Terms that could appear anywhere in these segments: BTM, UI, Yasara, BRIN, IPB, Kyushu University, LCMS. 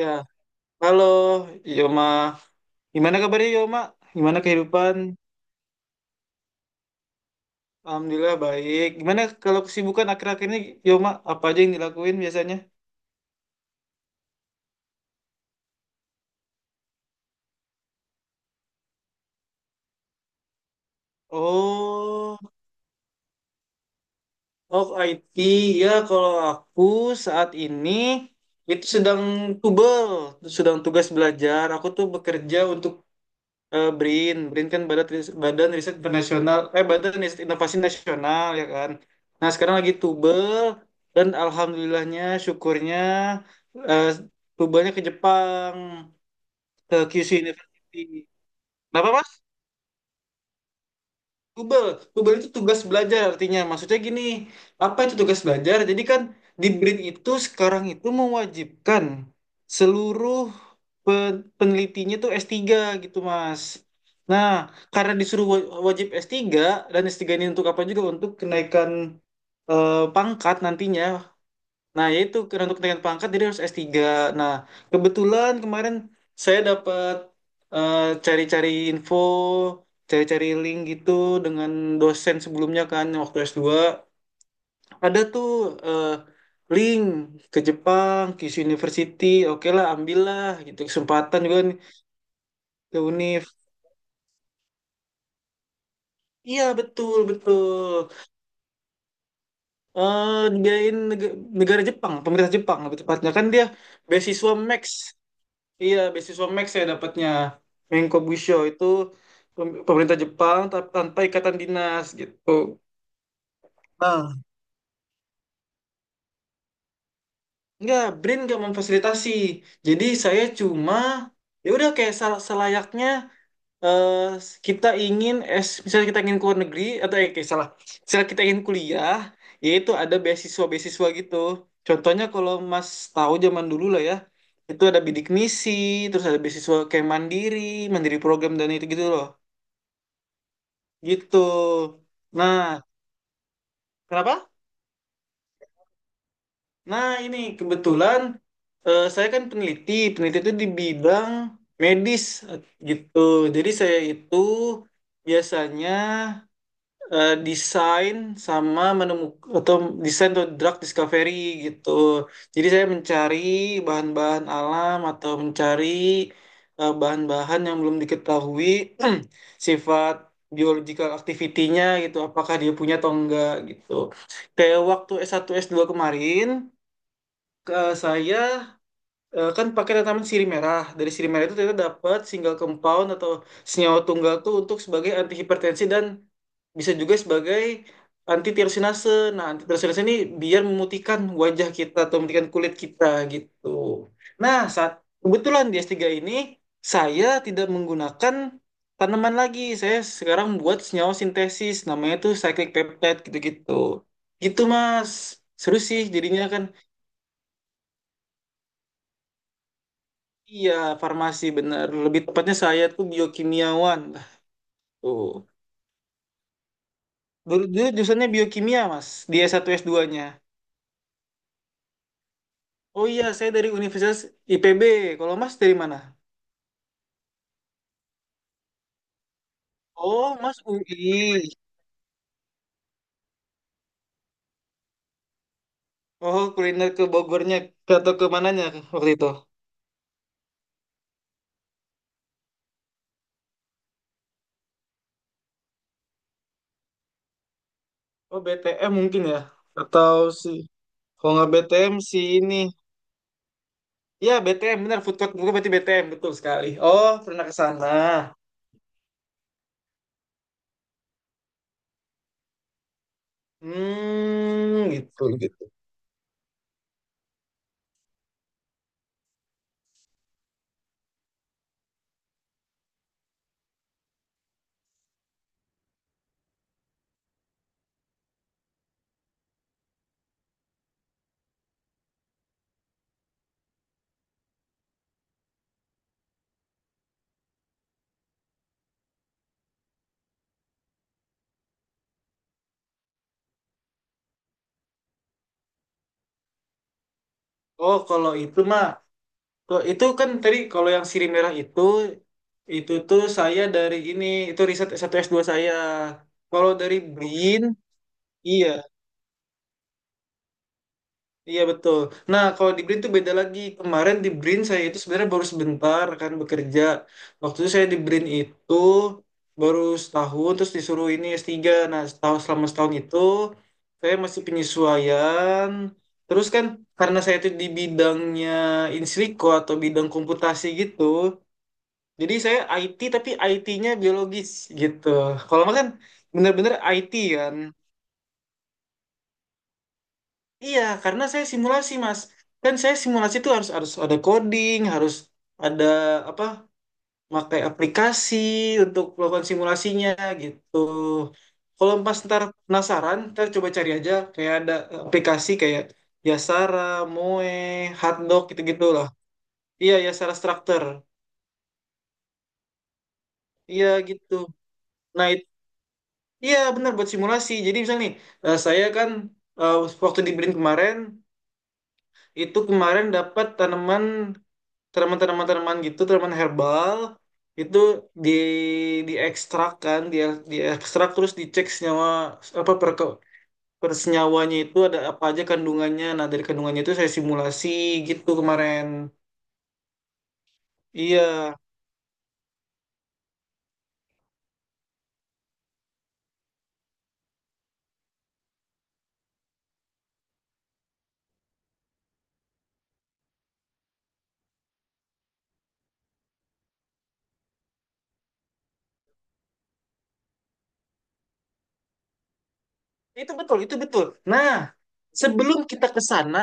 Ya, halo Yoma. Gimana kabarnya Yoma? Gimana kehidupan? Alhamdulillah baik. Gimana kalau kesibukan akhir-akhir ini Yoma? Apa aja yang dilakuin biasanya? Oh, of IT. Ya, kalau aku saat ini itu sedang tubel, sedang tugas belajar. Aku tuh bekerja untuk BRIN. Kan Badan Riset, Badan Riset Internasional, Badan Riset Inovasi Nasional, ya kan. Nah sekarang lagi tubel dan alhamdulillahnya, syukurnya, eh, tubelnya ke Jepang, ke Kyushu University. Kenapa Mas? Google, itu tugas belajar artinya. Maksudnya gini, apa itu tugas belajar? Jadi kan di BRIN itu sekarang itu mewajibkan seluruh penelitinya tuh s tiga gitu, Mas. Nah, karena disuruh wajib s tiga, dan s tiga ini untuk apa juga? Untuk kenaikan pangkat nantinya. Nah, yaitu karena untuk kenaikan pangkat jadi harus s tiga. Nah, kebetulan kemarin saya dapat, eh, cari-cari info, cari-cari link gitu dengan dosen sebelumnya kan yang waktu s dua. Ada tuh eh, link ke Jepang, Kyushu University. Oke lah, ambillah gitu kesempatan juga nih ke UNIF. Iya, betul, betul. Eh, dibiayain negara Jepang, pemerintah Jepang lebih tepatnya, kan dia beasiswa Max. Iya, beasiswa Max saya dapatnya. Menko Bushido itu pemerintah Jepang, tanpa ikatan dinas gitu. Nah, enggak, BRIN nggak memfasilitasi. Jadi saya cuma ya udah kayak selayaknya, eh, kita ingin es misalnya kita ingin ke negeri atau kayak salah. Misalnya kita ingin kuliah, yaitu ada beasiswa-beasiswa gitu. Contohnya kalau Mas tahu zaman dulu lah ya, itu ada bidik misi, terus ada beasiswa kayak mandiri, mandiri program dan itu gitu loh. Gitu. Nah, kenapa? Nah, ini kebetulan, saya kan peneliti. Peneliti itu di bidang medis, eh, gitu. Jadi saya itu biasanya desain sama menemukan, atau desain, atau drug discovery gitu. Jadi saya mencari bahan-bahan alam atau mencari bahan-bahan yang belum diketahui sifat biological activity-nya gitu, apakah dia punya atau enggak gitu. Kayak waktu S1 S2 kemarin, ke saya kan pakai tanaman sirih merah. Dari sirih merah itu ternyata dapat single compound atau senyawa tunggal tuh untuk sebagai anti hipertensi, dan bisa juga sebagai anti tirosinase. Nah, anti tirosinase ini biar memutihkan wajah kita atau memutihkan kulit kita gitu. Nah, saat kebetulan di S3 ini saya tidak menggunakan tanaman lagi. Saya sekarang buat senyawa sintesis, namanya tuh cyclic peptide gitu-gitu. Gitu, Mas. Seru sih jadinya kan. Iya, farmasi bener. Lebih tepatnya saya tuh biokimiawan. Tuh. Dulu, jurusannya biokimia, Mas. Di S1, S2-nya. Oh iya, saya dari Universitas IPB. Kalau Mas dari mana? Oh, Mas UI. Oh, kuliner ke Bogornya atau ke mananya waktu itu? Oh, BTM mungkin ya. Atau si, kalau nggak BTM si ini. Ya, BTM benar. Food court bukan, berarti BTM betul sekali. Oh, pernah ke sana. Hmm, gitu gitu. Oh, kalau itu mah, kok itu kan tadi kalau yang sirih merah itu tuh saya dari ini itu riset satu s dua saya. Kalau dari BRIN, iya, iya betul. Nah, kalau di BRIN tuh beda lagi. Kemarin di BRIN saya itu sebenarnya baru sebentar kan bekerja. Waktu itu saya di BRIN itu baru setahun, terus disuruh ini s tiga. Nah, setahun, selama setahun itu saya masih penyesuaian. Terus kan karena saya itu di bidangnya insiliko atau bidang komputasi gitu. Jadi saya IT, tapi IT-nya biologis gitu. Kalau Mas kan bener-bener IT kan. Iya, karena saya simulasi, Mas. Kan saya simulasi itu harus harus ada coding, harus ada apa? Pakai aplikasi untuk melakukan simulasinya gitu. Kalau Mas ntar penasaran, ntar coba cari aja kayak ada aplikasi kayak Yasara, Moe, Hotdog gitu-gitu lah. Iya, Yasara Structure. Iya gitu. Nah, itu, iya benar, buat simulasi. Jadi misalnya nih, saya kan, eh, waktu di Blink kemarin itu, kemarin dapat tanaman tanaman tanaman tanaman gitu, tanaman herbal itu di diekstrak kan, dia diekstrak terus dicek senyawa apa persenyawanya itu ada apa aja kandungannya. Nah dari kandungannya itu saya simulasi gitu kemarin. Iya, itu betul, itu betul. Nah sebelum kita ke sana.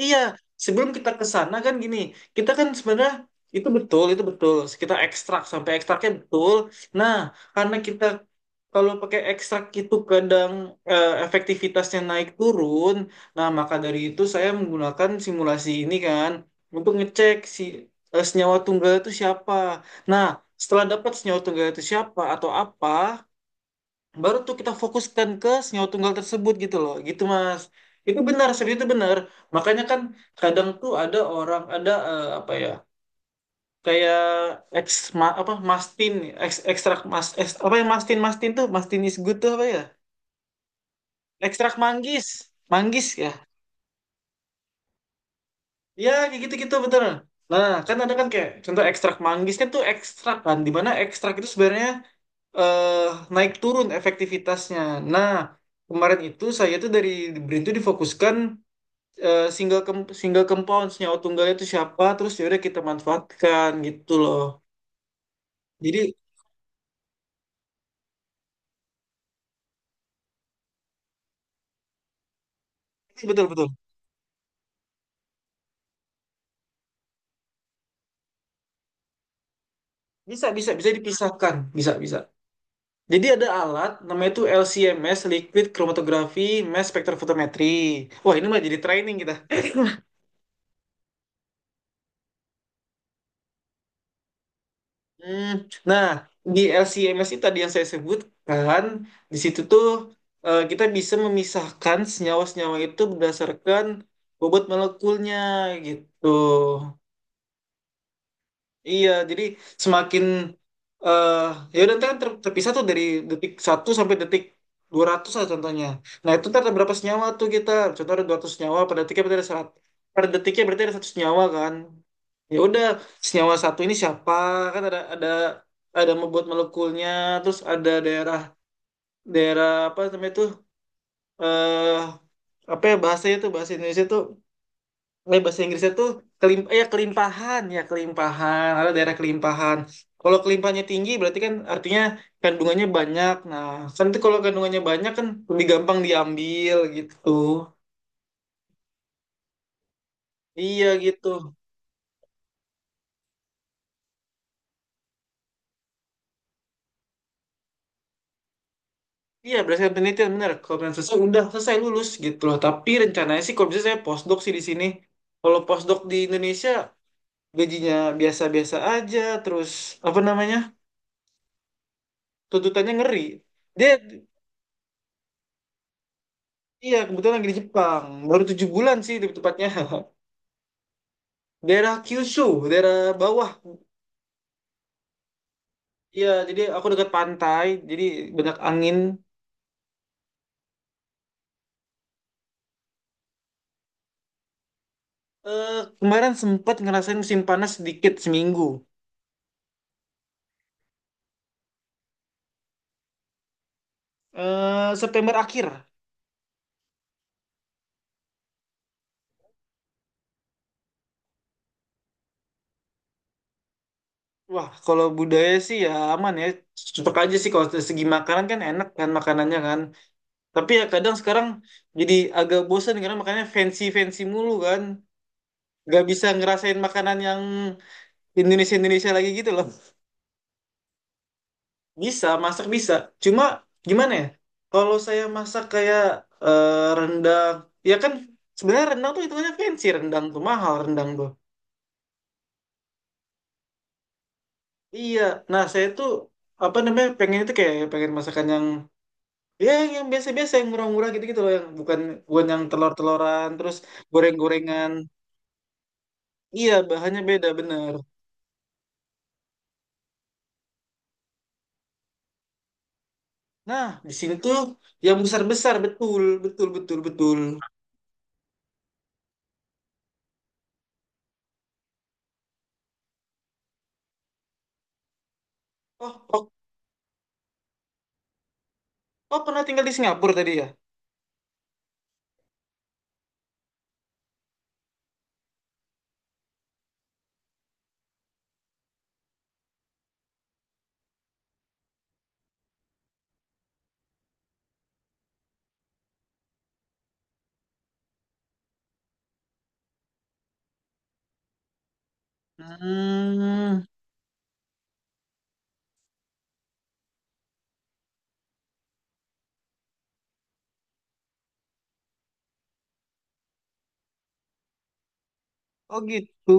Iya, sebelum kita ke sana kan gini, kita kan sebenarnya, itu betul, itu betul. Kita ekstrak sampai ekstraknya betul. Nah, karena kita kalau pakai ekstrak itu kadang efektivitasnya naik turun. Nah, maka dari itu saya menggunakan simulasi ini kan untuk ngecek si, senyawa tunggal itu siapa. Nah, setelah dapat senyawa tunggal itu siapa atau apa, baru tuh kita fokuskan ke senyawa tunggal tersebut gitu loh, gitu mas, itu benar seperti itu benar. Makanya kan kadang tuh ada orang ada, apa ya, kayak ex apa mastin, ex ekstrak mas apa yang mastin, mastin tuh mastin is good tuh apa ya. Ekstrak manggis, manggis ya. Ya, kayak gitu-gitu betul. Nah, kan ada kan kayak contoh ekstrak manggis kan tuh ekstrak kan, di mana ekstrak itu sebenarnya eh, naik turun efektivitasnya. Nah, kemarin itu saya tuh dari BRIN tuh difokuskan, single compound, senyawa tunggalnya itu siapa, terus ya udah kita manfaatkan gitu loh. Jadi iya, betul betul. Bisa bisa bisa dipisahkan, bisa bisa. Jadi ada alat namanya itu LCMS, Liquid Chromatography Mass Spectrophotometry. Wah, ini mah jadi training kita. Hmm, nah, di LCMS itu tadi yang saya sebutkan, di situ tuh kita bisa memisahkan senyawa-senyawa itu berdasarkan bobot molekulnya gitu. Iya, jadi semakin, eh ya udah ntar kan terpisah tuh dari detik satu sampai detik 200 lah contohnya. Nah, itu ntar ada berapa senyawa tuh kita? Contoh ada 200 senyawa, per detiknya berarti ada 100. Per detiknya berarti ada satu senyawa kan. Ya udah, senyawa satu ini siapa? Kan ada, membuat molekulnya, terus ada daerah, apa namanya tuh, eh apa ya bahasanya tuh, bahasa Indonesia tuh, bahasa Inggrisnya tuh ya kelimpahan, ada daerah kelimpahan. Kalau kelimpahannya tinggi berarti kan artinya kandungannya banyak. Nah kan itu kalau kandungannya banyak kan lebih gampang diambil gitu. Iya gitu, iya berdasarkan penelitian benar. Kalau penelitian selesai udah selesai lulus gitu loh, tapi rencananya sih kalau bisa saya postdoc sih di sini. Kalau postdoc di Indonesia gajinya biasa-biasa aja, terus apa namanya, tuntutannya ngeri. Dia, iya, kebetulan lagi di Jepang. Baru 7 bulan sih lebih tepatnya. Daerah Kyushu, daerah bawah. Iya, jadi aku dekat pantai, jadi banyak angin. Eh, kemarin sempat ngerasain musim panas sedikit seminggu. Eh, September akhir. Wah, kalau budaya sih ya aman ya. Cepet aja sih, kalau dari segi makanan kan enak kan makanannya kan. Tapi ya kadang sekarang jadi agak bosan karena makanannya fancy-fancy mulu kan. Gak bisa ngerasain makanan yang Indonesia-Indonesia lagi gitu loh. Bisa, masak bisa. Cuma gimana ya? Kalau saya masak kayak rendang, ya kan sebenarnya rendang tuh hitungannya fancy, rendang tuh mahal rendang tuh. Iya, nah saya tuh apa namanya, pengen itu kayak pengen masakan yang ya, yang biasa-biasa, yang murah-murah gitu-gitu loh, yang bukan, yang telur-teloran terus goreng-gorengan. Iya, bahannya beda bener. Nah, di sini tuh yang besar-besar, betul, betul, betul, betul. Oh, oh, oh pernah tinggal di Singapura tadi ya? Hmm. Oh gitu.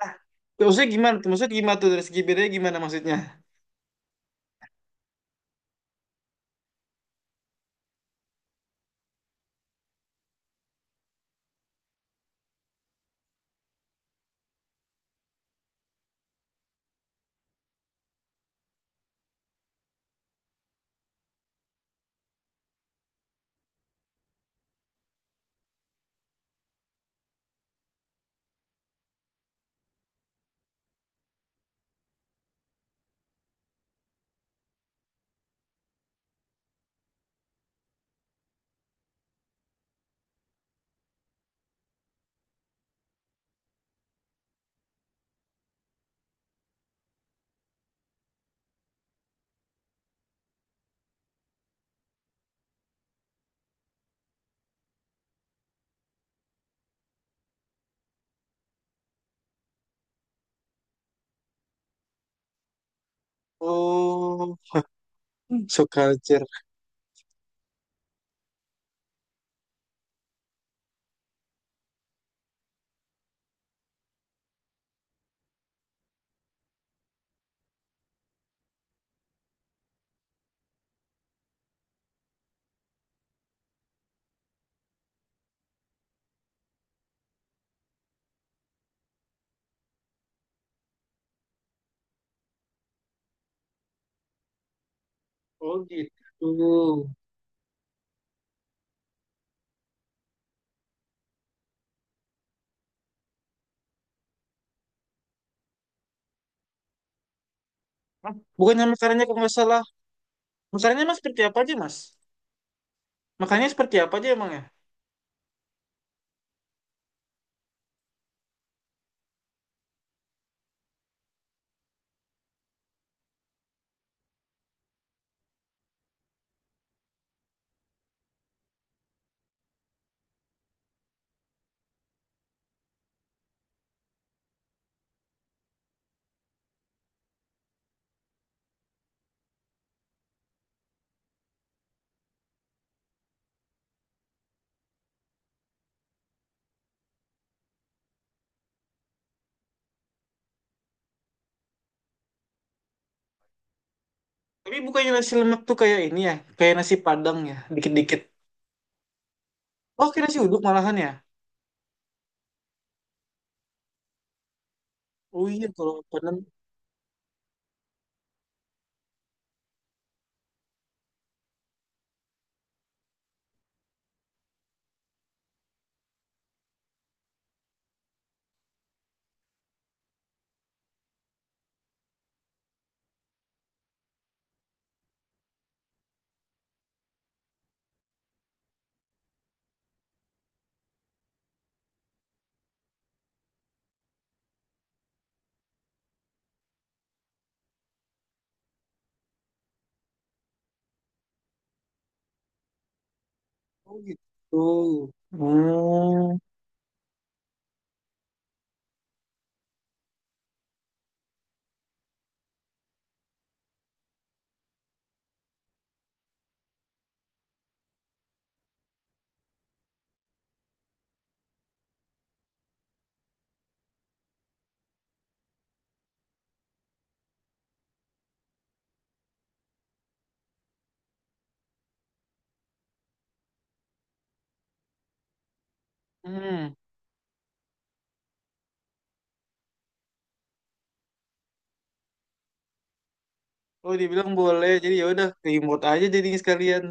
Nah, maksudnya gimana tuh? Maksudnya gimana tuh, dari segi bedanya gimana maksudnya? Oh, so culture. Oh gitu. Hah? Bukannya makanannya kalau nggak salah, makanannya mas seperti apa aja mas? Makannya seperti apa aja emang ya? Tapi bukannya nasi lemak tuh kayak ini ya, kayak nasi Padang ya, dikit-dikit. Oh, kayak nasi uduk malahan ya? Oh iya, kalau Padang. Oh gitu. Hmm. Hmm. Oh, dibilang boleh. Jadi ya udah, remote aja jadinya sekalian.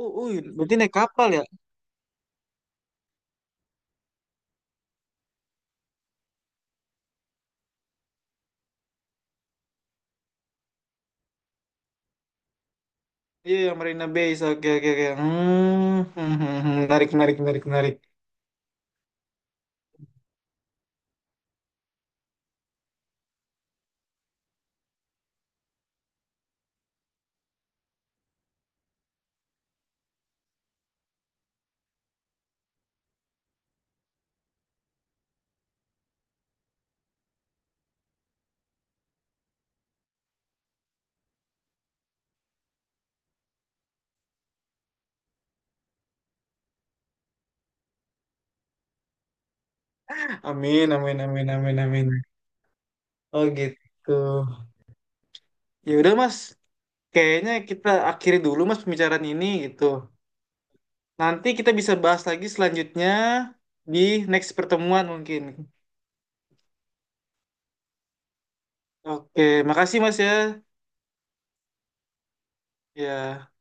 Oh, oh, berarti naik kapal ya? Iya, yang Marina Bay. So, oke, oke, oke. Hmm, hmm, hmm, hmm. Menarik, menarik, menarik, menarik. Amin, amin, amin, amin, amin. Oh gitu. Ya udah, Mas. Kayaknya kita akhiri dulu, Mas, pembicaraan ini gitu. Nanti kita bisa bahas lagi selanjutnya di next pertemuan mungkin. Oke, makasih, Mas ya. Ya.